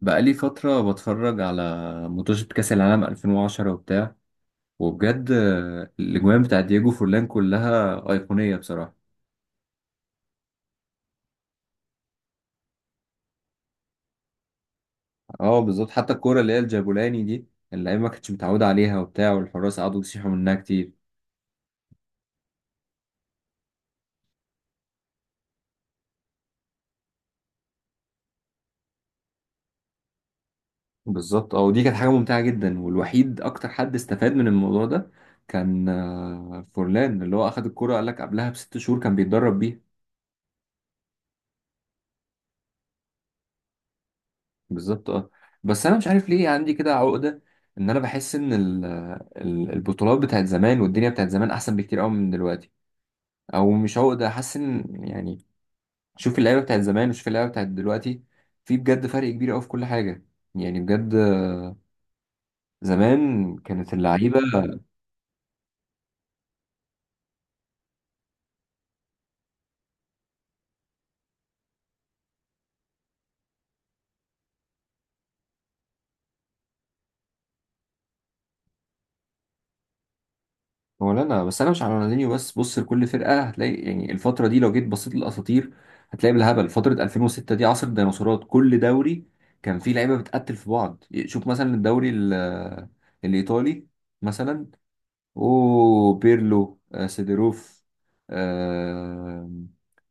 بقالي فترة بتفرج على ماتشات كأس العالم 2010 وبتاع. وبجد الأجوان بتاع دييجو فورلان كلها أيقونية بصراحة. اه بالظبط. حتى الكورة اللي هي الجابولاني دي اللعيبة ما كانتش متعودة عليها وبتاع، والحراس قعدوا يصيحوا منها كتير. بالظبط اه. ودي كانت حاجة ممتعة جدا، والوحيد أكتر حد استفاد من الموضوع ده كان فورلان، اللي هو أخد الكورة قال لك قبلها ب6 شهور كان بيتدرب بيها. بالظبط اه. بس انا مش عارف ليه عندي كده عقده ان انا بحس ان البطولات بتاعت زمان والدنيا بتاعت زمان احسن بكتير قوي من دلوقتي. او مش عقده، حاسس ان يعني شوف اللعيبه بتاعت زمان وشوف اللعيبه بتاعت دلوقتي، في بجد فرق كبير قوي في كل حاجه، يعني بجد. زمان كانت اللعيبه. هو لا لا، بس انا مش على رونالدينيو بس، بص لكل فرقه هتلاقي، يعني الفتره دي لو جيت بصيت للاساطير هتلاقي بالهبل. فتره 2006 دي عصر الديناصورات، كل دوري كان فيه لعيبه بتقتل في بعض. شوف مثلا الدوري الايطالي مثلا، او بيرلو، سيدروف، آه،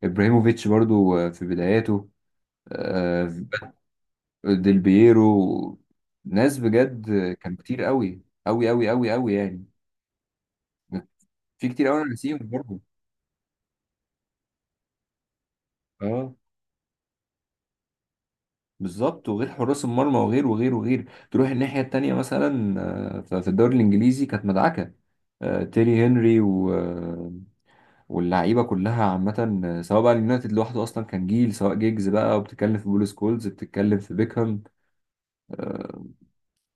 ابراهيموفيتش برضو في بداياته، آه، ديل بييرو، ناس بجد. كان كتير قوي قوي قوي قوي قوي يعني. في كتير قوي انا نسيهم برضو. اه بالظبط. وغير حراس المرمى، وغير وغير وغير. تروح الناحية التانية مثلا، في الدوري الإنجليزي كانت مدعكة. تيري هنري و... آه، واللعيبة كلها عامة، سواء بقى اليونايتد لوحده أصلا كان جيل، سواء جيجز بقى، وبتتكلم في بول سكولز، بتتكلم في بيكهام.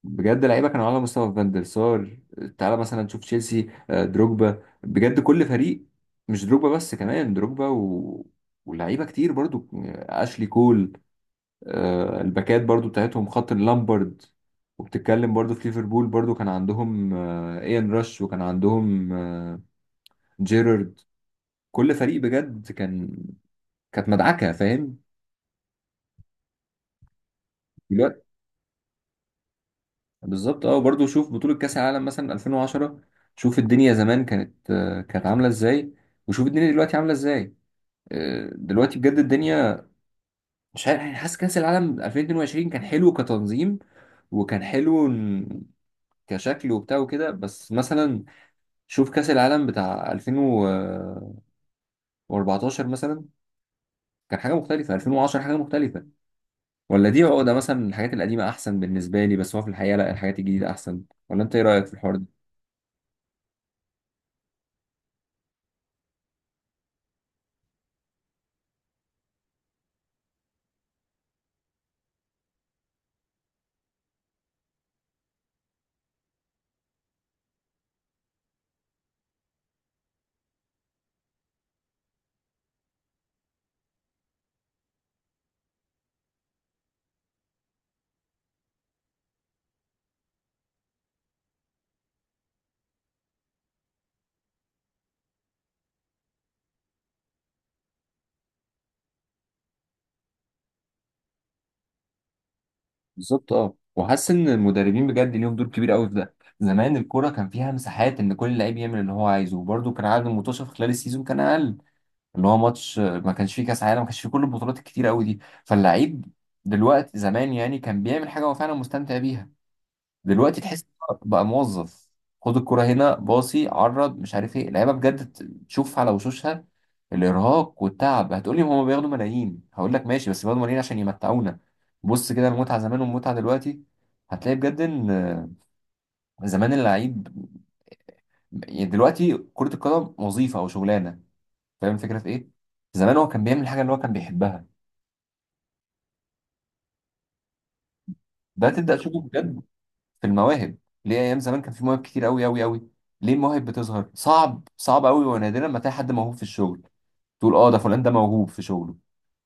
بجد لعيبة كانوا على مستوى فان دير سار. تعالى مثلا تشوف تشيلسي، دروجبا، بجد كل فريق. مش دروجبا بس، كمان دروجبا و... ولعيبة كتير برضو، أشلي كول، الباكات برضو بتاعتهم، خط اللامبرد. وبتتكلم برضو في ليفربول، برضو كان عندهم ايان راش، وكان عندهم جيرارد. كل فريق بجد كان كانت مدعكة، فاهم. دلوقتي بالظبط اه. برضو شوف بطولة كأس العالم مثلا 2010، شوف الدنيا زمان كانت كانت عاملة ازاي، وشوف الدنيا دلوقتي عاملة ازاي. دلوقتي بجد الدنيا، مش عارف يعني. حاسس كأس العالم 2022 كان حلو كتنظيم، وكان حلو كشكل وبتاع وكده. بس مثلا شوف كأس العالم بتاع 2014 مثلا، كان حاجة مختلفة. 2010 حاجة مختلفة. ولا دي عقدة مثلا من الحاجات القديمة أحسن بالنسبة لي، بس هو في الحقيقة لا الحاجات الجديدة أحسن؟ ولا أنت إيه رأيك في الحوار ده؟ بالظبط أه. وحاسس إن المدربين بجد ليهم دور كبير قوي في ده. زمان الكورة كان فيها مساحات، إن كل لعيب يعمل اللي هو عايزه. وبرده كان عدد المتوشة في خلال السيزون كان أقل، اللي هو ماتش ما كانش فيه كأس عالم، ما كانش فيه كل البطولات الكتيرة قوي دي. فاللعيب دلوقتي زمان يعني كان بيعمل حاجة هو فعلا مستمتع بيها. دلوقتي تحس بقى موظف، خد الكرة هنا، باصي عرض، مش عارف ايه. اللعيبه بجد تشوف على وشوشها الارهاق والتعب. هتقولي هما بياخدوا ملايين، هقول لك ماشي، بس بياخدوا ملايين عشان يمتعونا. بص كده المتعه زمان والمتعه دلوقتي، هتلاقي بجد ان زمان اللعيب، يعني دلوقتي كرة القدم وظيفة أو شغلانة. فاهم الفكرة في إيه؟ زمان هو كان بيعمل الحاجة اللي هو كان بيحبها. ده تبدأ تشوفه بجد في المواهب. ليه ايام زمان كان في مواهب كتير قوي قوي قوي؟ ليه المواهب بتظهر صعب صعب قوي، ونادرا ما تلاقي حد موهوب في الشغل تقول اه ده فلان ده موهوب في شغله؟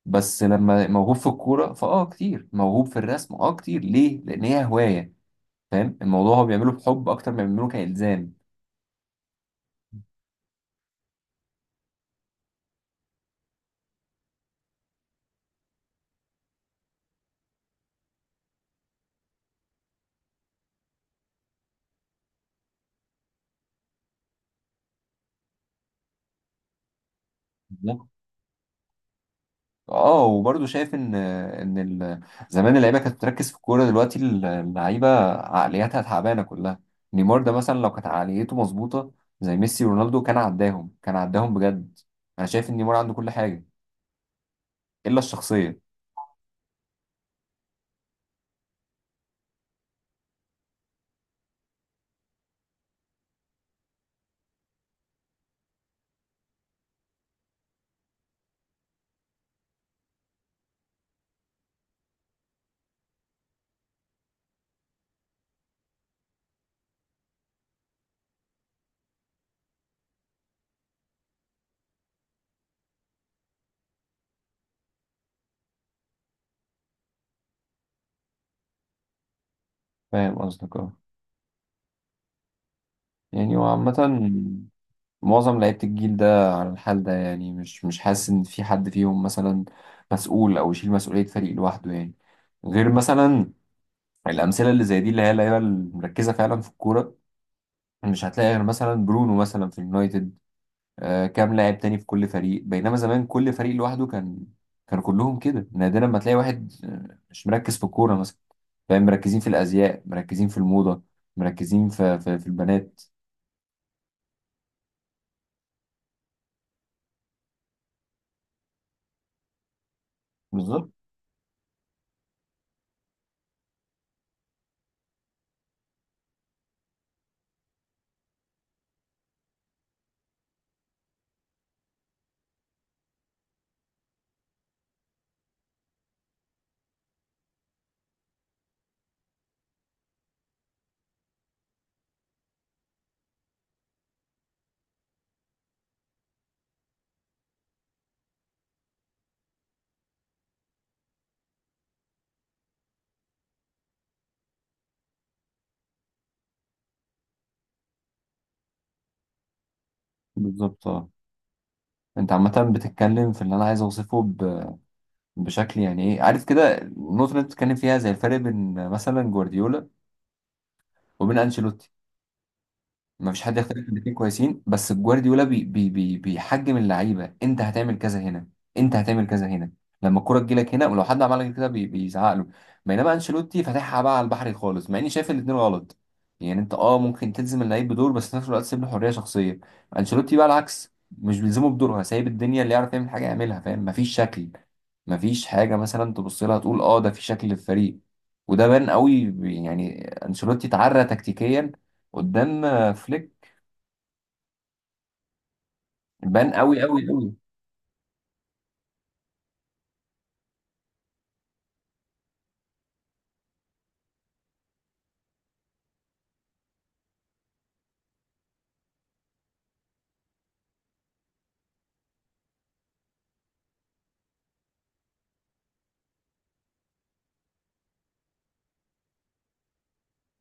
بس لما موهوب في الكوره فاه كتير، موهوب في الرسم اه كتير. ليه؟ لان هي هوايه. فاهم الموضوع هو بيعمله بحب اكتر ما بيعمله كالزام. اه وبرضه شايف ان زمان اللعيبه كانت بتركز في الكوره، دلوقتي اللعيبه عقلياتها تعبانه كلها. نيمار ده مثلا لو كانت عقليته مظبوطه زي ميسي ورونالدو كان عداهم، كان عداهم بجد. انا شايف ان نيمار عنده كل حاجه الا الشخصيه. فاهم قصدك اه. يعني وعامه معظم لعيبه الجيل ده على الحال ده، يعني مش حاسس ان في حد فيهم مثلا مسؤول او يشيل مسؤوليه فريق لوحده، يعني غير مثلا الامثله اللي زي دي اللي هي اللعيبه المركزه فعلا في الكوره. مش هتلاقي غير مثلا برونو مثلا في اليونايتد، آه كام لاعب تاني في كل فريق. بينما زمان كل فريق لوحده كان كلهم كده. نادرا ما تلاقي واحد مش مركز في الكورة مثلا، فاهم. مركزين في الأزياء، مركزين في الموضة، مركزين في البنات. بالظبط. بالظبط اه. انت عامة بتتكلم في اللي انا عايز اوصفه ب- بشكل يعني ايه، عارف كده. النقطة اللي انت بتتكلم فيها زي الفرق بين مثلا جوارديولا وبين انشيلوتي. ما فيش حد يختلف ان الاثنين كويسين، بس جوارديولا بي بي بي بيحجم اللعيبه. انت هتعمل كذا هنا، انت هتعمل كذا هنا، لما الكره تجيلك هنا. ولو حد عمل لك كده بيزعق له. بينما انشيلوتي فاتحها بقى على البحر خالص، مع اني شايف الاثنين غلط. يعني انت اه ممكن تلزم اللعيب بدور، بس في نفس الوقت تسيب له حريه شخصيه. انشيلوتي بقى العكس، مش بيلزمه بدورها، سايب الدنيا، اللي يعرف يعمل حاجه يعملها. فاهم مفيش شكل، مفيش حاجه مثلا تبص لها تقول اه ده في شكل للفريق. وده بان قوي، يعني انشيلوتي اتعرى تكتيكيا قدام فليك. بان قوي قوي قوي.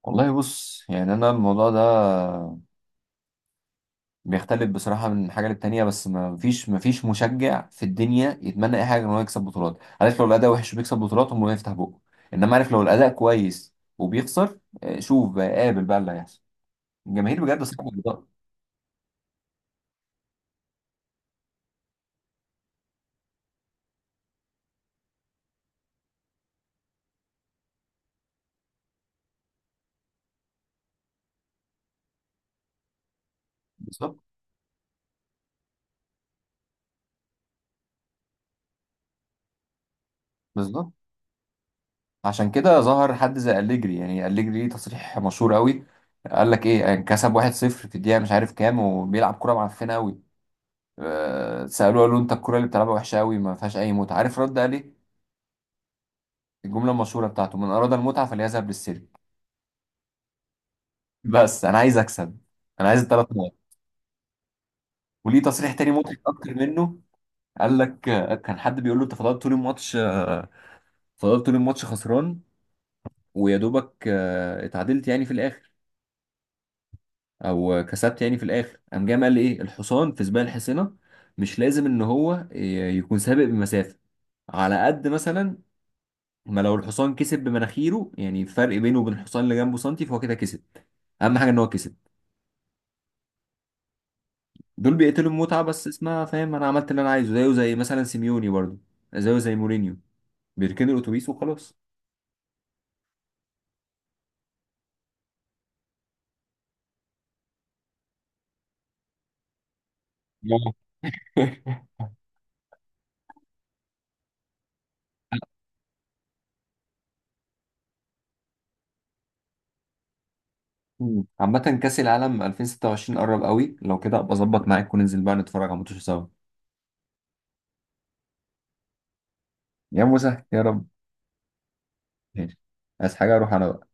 والله بص، يعني انا الموضوع ده بيختلف بصراحه من حاجه للتانيه، بس ما فيش مشجع في الدنيا يتمنى اي حاجه غير ان هو يكسب بطولات. عارف لو الاداء وحش وبيكسب بطولات هم يفتح بقه. انما عارف لو الاداء كويس وبيخسر، شوف بقى قابل بقى اللي هيحصل. الجماهير بجد صعبه. بالظبط. بالظبط. بالظبط عشان كده ظهر حد زي أليجري. يعني أليجري ليه تصريح مشهور قوي، قال لك ايه، يعني كسب 1-0 في الدقيقه مش عارف كام وبيلعب كوره معفنه قوي. سألوه، قالوا له انت الكرة اللي بتلعبها وحشة قوي، ما فيهاش اي متعة. عارف رد قال ايه؟ الجملة المشهورة بتاعته، من اراد المتعة فليذهب للسيرك. بس انا عايز اكسب، انا عايز ال3 نقط. وليه تصريح تاني مضحك اكتر منه، قال لك كان حد بيقول له انت فضلت طول الماتش فضلت طول الماتش خسران، ويا دوبك اتعادلت يعني في الاخر، او كسبت يعني في الاخر. قام جاي قال ايه، الحصان في سباق الحصينة مش لازم ان هو يكون سابق بمسافة. على قد مثلا ما لو الحصان كسب بمناخيره، يعني الفرق بينه وبين الحصان اللي جنبه سنتي، فهو كده كسب. اهم حاجه ان هو كسب. دول بيقتلوا المتعه بس اسمها فاهم. انا عملت اللي انا عايزه، زيه زي مثلا سيميوني برضو، زيه زي مورينيو. بيركنوا الاتوبيس وخلاص. آه. مم. عامة كأس العالم 2026 قرب قوي، لو كده ابقى اظبط معاك وننزل بقى نتفرج على الماتش سوا. يا موسى يا رب. ماشي. عايز حاجة اروح انا بقى.